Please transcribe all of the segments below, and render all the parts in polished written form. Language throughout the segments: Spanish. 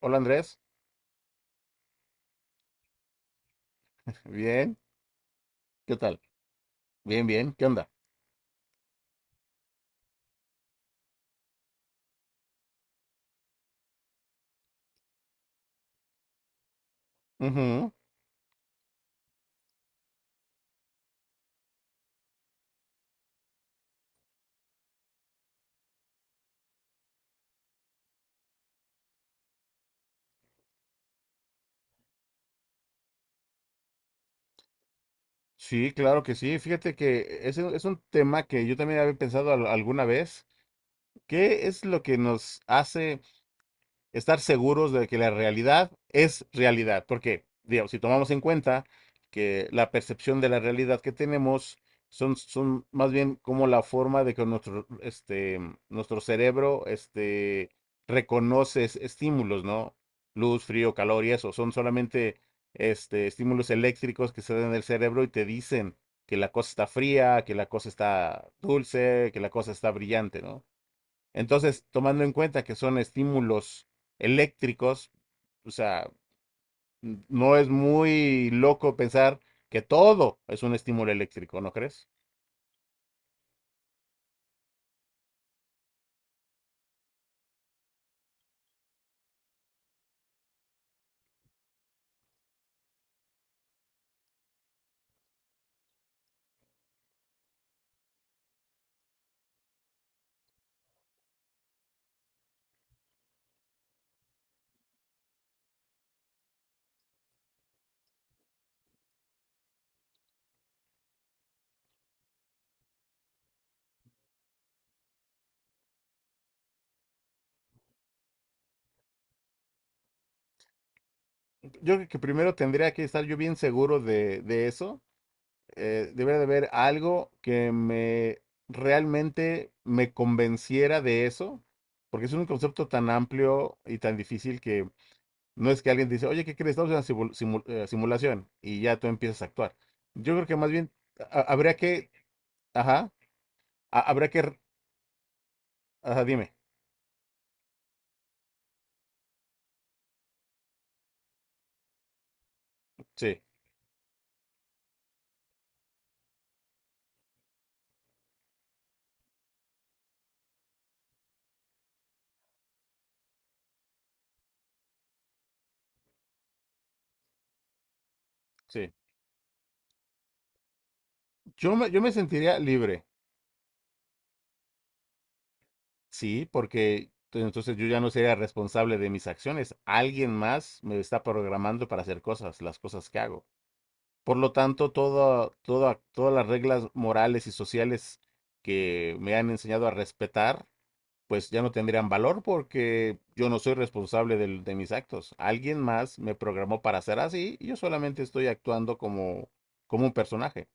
Hola Andrés, bien, ¿qué tal? Bien, bien, ¿qué onda? Ujú. Sí, claro que sí. Fíjate que ese es un tema que yo también había pensado alguna vez. ¿Qué es lo que nos hace estar seguros de que la realidad es realidad? Porque, digamos, si tomamos en cuenta que la percepción de la realidad que tenemos son más bien como la forma de que nuestro, este, nuestro cerebro este, reconoce estímulos, ¿no? Luz, frío, calor y eso, son solamente este, estímulos eléctricos que se dan en el cerebro y te dicen que la cosa está fría, que la cosa está dulce, que la cosa está brillante, ¿no? Entonces, tomando en cuenta que son estímulos eléctricos, o sea, no es muy loco pensar que todo es un estímulo eléctrico, ¿no crees? Yo creo que primero tendría que estar yo bien seguro de eso. Debería de haber algo que me realmente me convenciera de eso, porque es un concepto tan amplio y tan difícil que no es que alguien te dice, oye, ¿qué crees? Estamos en una simulación y ya tú empiezas a actuar. Yo creo que más bien habría que... Ajá. Habrá que... Ajá, dime. Sí, sí. Yo me sentiría libre, sí, porque entonces yo ya no sería responsable de mis acciones. Alguien más me está programando para hacer cosas, las cosas que hago. Por lo tanto, todo, todas las reglas morales y sociales que me han enseñado a respetar, pues ya no tendrían valor, porque yo no soy responsable de mis actos. Alguien más me programó para ser así y yo solamente estoy actuando como, como un personaje.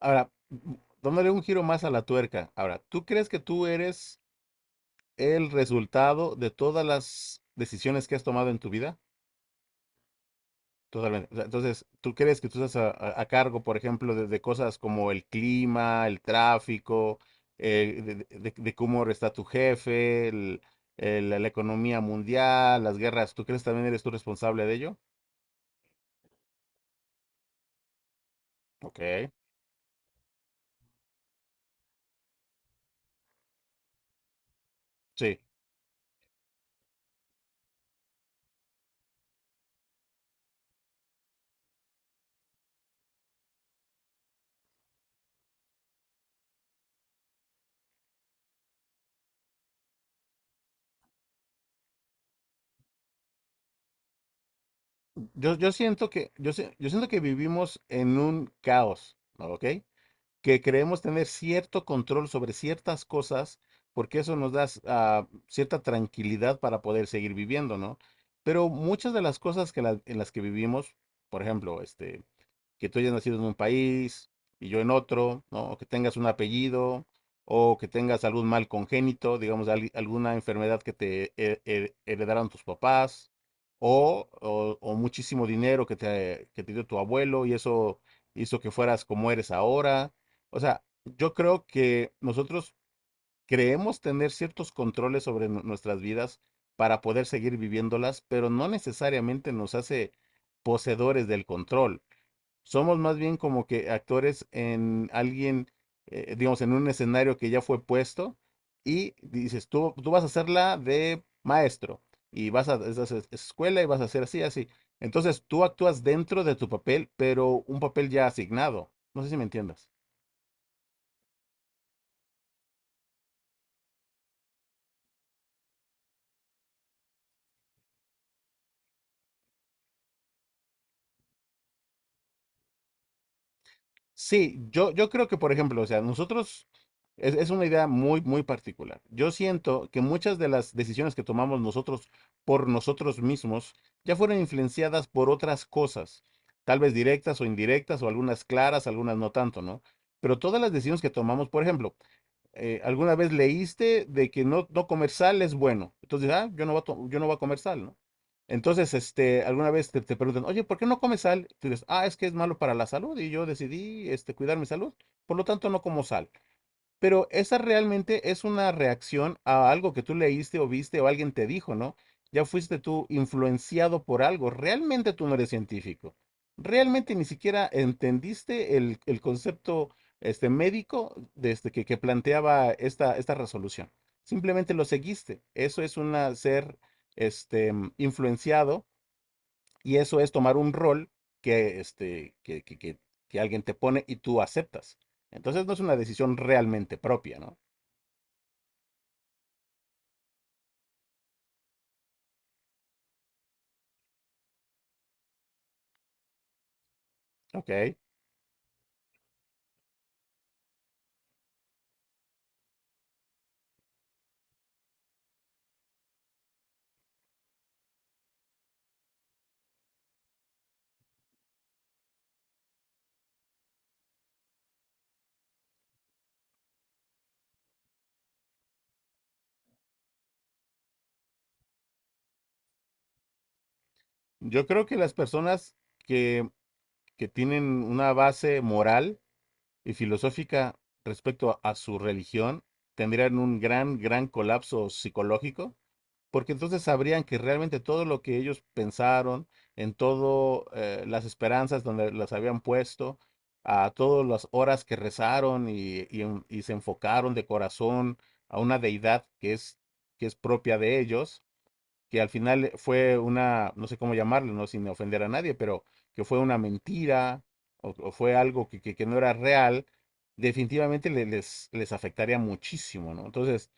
Ahora, dándole un giro más a la tuerca. Ahora, ¿tú crees que tú eres el resultado de todas las decisiones que has tomado en tu vida? Totalmente. O sea, entonces, ¿tú crees que tú estás a, a cargo, por ejemplo, de cosas como el clima, el tráfico, de, de cómo está tu jefe, la, la economía mundial, las guerras? ¿Tú crees que también eres tú responsable de ello? Ok, sí. Yo siento que, yo, yo siento que vivimos en un caos, ¿ok? Que creemos tener cierto control sobre ciertas cosas, porque eso nos da, ah, cierta tranquilidad para poder seguir viviendo, ¿no? Pero muchas de las cosas que en las que vivimos, por ejemplo, este, que tú hayas nacido en un país y yo en otro, ¿no? O que tengas un apellido, o que tengas algún mal congénito, digamos, alguna enfermedad que te heredaron tus papás, o o muchísimo dinero que te dio tu abuelo, y eso hizo que fueras como eres ahora. O sea, yo creo que nosotros creemos tener ciertos controles sobre nuestras vidas para poder seguir viviéndolas, pero no necesariamente nos hace poseedores del control. Somos más bien como que actores en alguien, digamos, en un escenario que ya fue puesto, y dices, tú vas a hacer la de maestro y vas a esa escuela y vas a hacer así, así. Entonces, tú actúas dentro de tu papel, pero un papel ya asignado. No sé si me entiendas. Sí, yo creo que, por ejemplo, o sea, nosotros es una idea muy, muy particular. Yo siento que muchas de las decisiones que tomamos nosotros por nosotros mismos ya fueron influenciadas por otras cosas, tal vez directas o indirectas, o algunas claras, algunas no tanto, ¿no? Pero todas las decisiones que tomamos, por ejemplo, alguna vez leíste de que no, no comer sal es bueno. Entonces, ah, yo no voy a, yo no voy a comer sal, ¿no? Entonces, este, alguna vez te, te preguntan, oye, ¿por qué no comes sal? Tú dices, ah, es que es malo para la salud, y yo decidí, este, cuidar mi salud, por lo tanto no como sal. Pero esa realmente es una reacción a algo que tú leíste o viste o alguien te dijo, ¿no? Ya fuiste tú influenciado por algo. Realmente tú no eres científico. Realmente ni siquiera entendiste el concepto este, médico desde que planteaba esta, esta resolución. Simplemente lo seguiste. Eso es una, ser este, influenciado, y eso es tomar un rol que, este, que alguien te pone y tú aceptas. Entonces, no es una decisión realmente propia, ¿no? Ok. Yo creo que las personas que, que tienen una base moral y filosófica respecto a su religión tendrían un gran, gran colapso psicológico, porque entonces sabrían que realmente todo lo que ellos pensaron, en todo, las esperanzas donde las habían puesto, a todas las horas que rezaron, y y se enfocaron de corazón a una deidad que es propia de ellos, que al final fue una, no sé cómo llamarlo, no, sin ofender a nadie, pero que fue una mentira, o fue algo que, que no era real, definitivamente les, les afectaría muchísimo, ¿no? Entonces,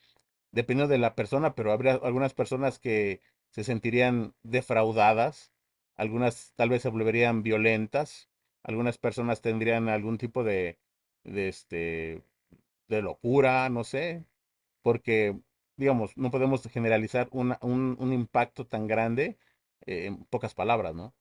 dependiendo de la persona, pero habría algunas personas que se sentirían defraudadas, algunas tal vez se volverían violentas, algunas personas tendrían algún tipo de este, de locura, no sé, porque, digamos, no podemos generalizar un impacto tan grande, en pocas palabras, ¿no?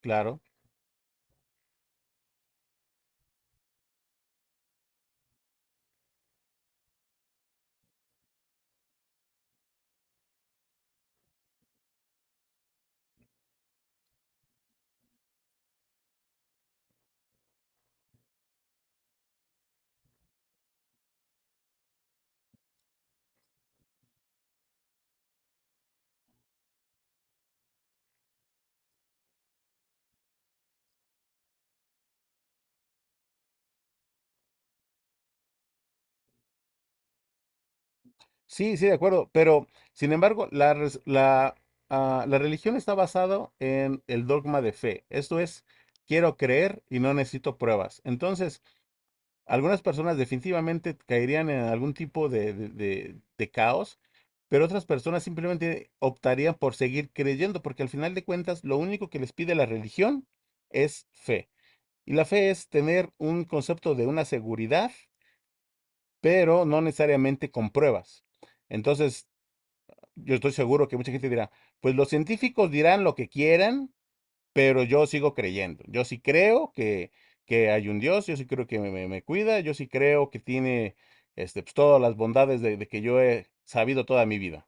Claro. Sí, sí, de acuerdo, pero sin embargo, la, la, ah, la religión está basada en el dogma de fe. Esto es, quiero creer y no necesito pruebas. Entonces, algunas personas definitivamente caerían en algún tipo de, de caos, pero otras personas simplemente optarían por seguir creyendo, porque al final de cuentas, lo único que les pide la religión es fe. Y la fe es tener un concepto de una seguridad, pero no necesariamente con pruebas. Entonces, yo estoy seguro que mucha gente dirá, pues los científicos dirán lo que quieran, pero yo sigo creyendo. Yo sí creo que hay un Dios, yo sí creo que me, me cuida, yo sí creo que tiene este, pues, todas las bondades de que yo he sabido toda mi vida.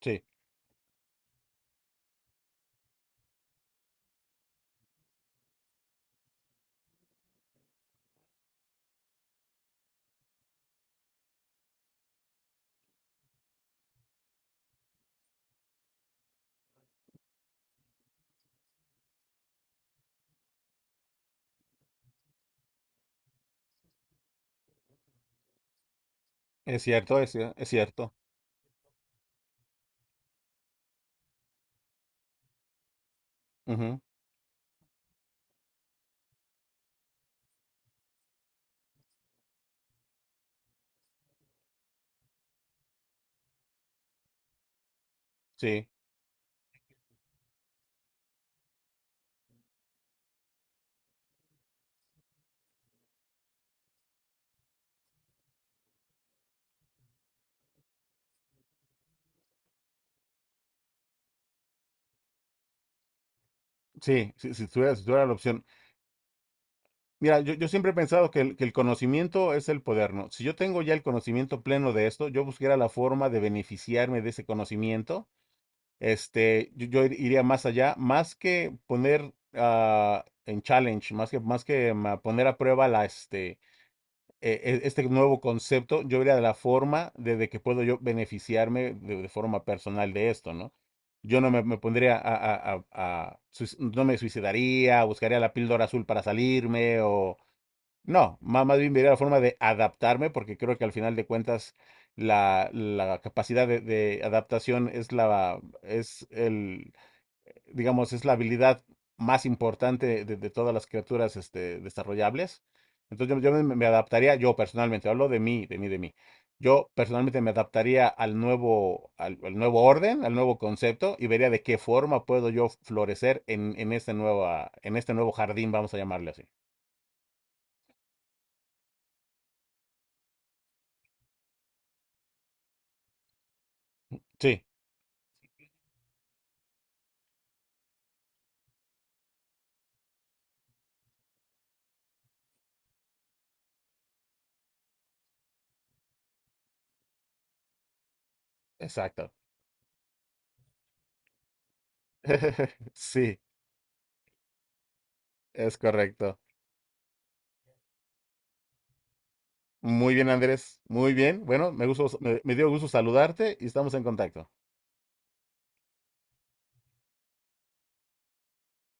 Sí. Es cierto, es, es cierto. Ujú, sí, sí, si, si tuviera, si tuviera la opción. Mira, yo siempre he pensado que el conocimiento es el poder, ¿no? Si yo tengo ya el conocimiento pleno de esto, yo buscaría la forma de beneficiarme de ese conocimiento. Este, yo iría más allá, más que poner, ah, en challenge, más que, más que, a poner a prueba la, este, este nuevo concepto, yo iría de la forma de que puedo yo beneficiarme de forma personal de esto, ¿no? Yo no me, Me pondría a- no me suicidaría, buscaría la píldora azul para salirme, o no, más bien vería la forma de adaptarme, porque creo que al final de cuentas la, la capacidad de adaptación es la, es el, digamos, es la habilidad más importante de todas las criaturas este, desarrollables. Entonces yo me, me adaptaría, yo personalmente, hablo de mí, de mí, de mí. Yo personalmente me adaptaría al nuevo, al, al nuevo orden, al nuevo concepto, y vería de qué forma puedo yo florecer en esta nueva, en este nuevo jardín, vamos a llamarle así. Sí, exacto. Sí, es correcto. Muy bien, Andrés. Muy bien. Bueno, me gustó, me dio gusto saludarte y estamos en contacto.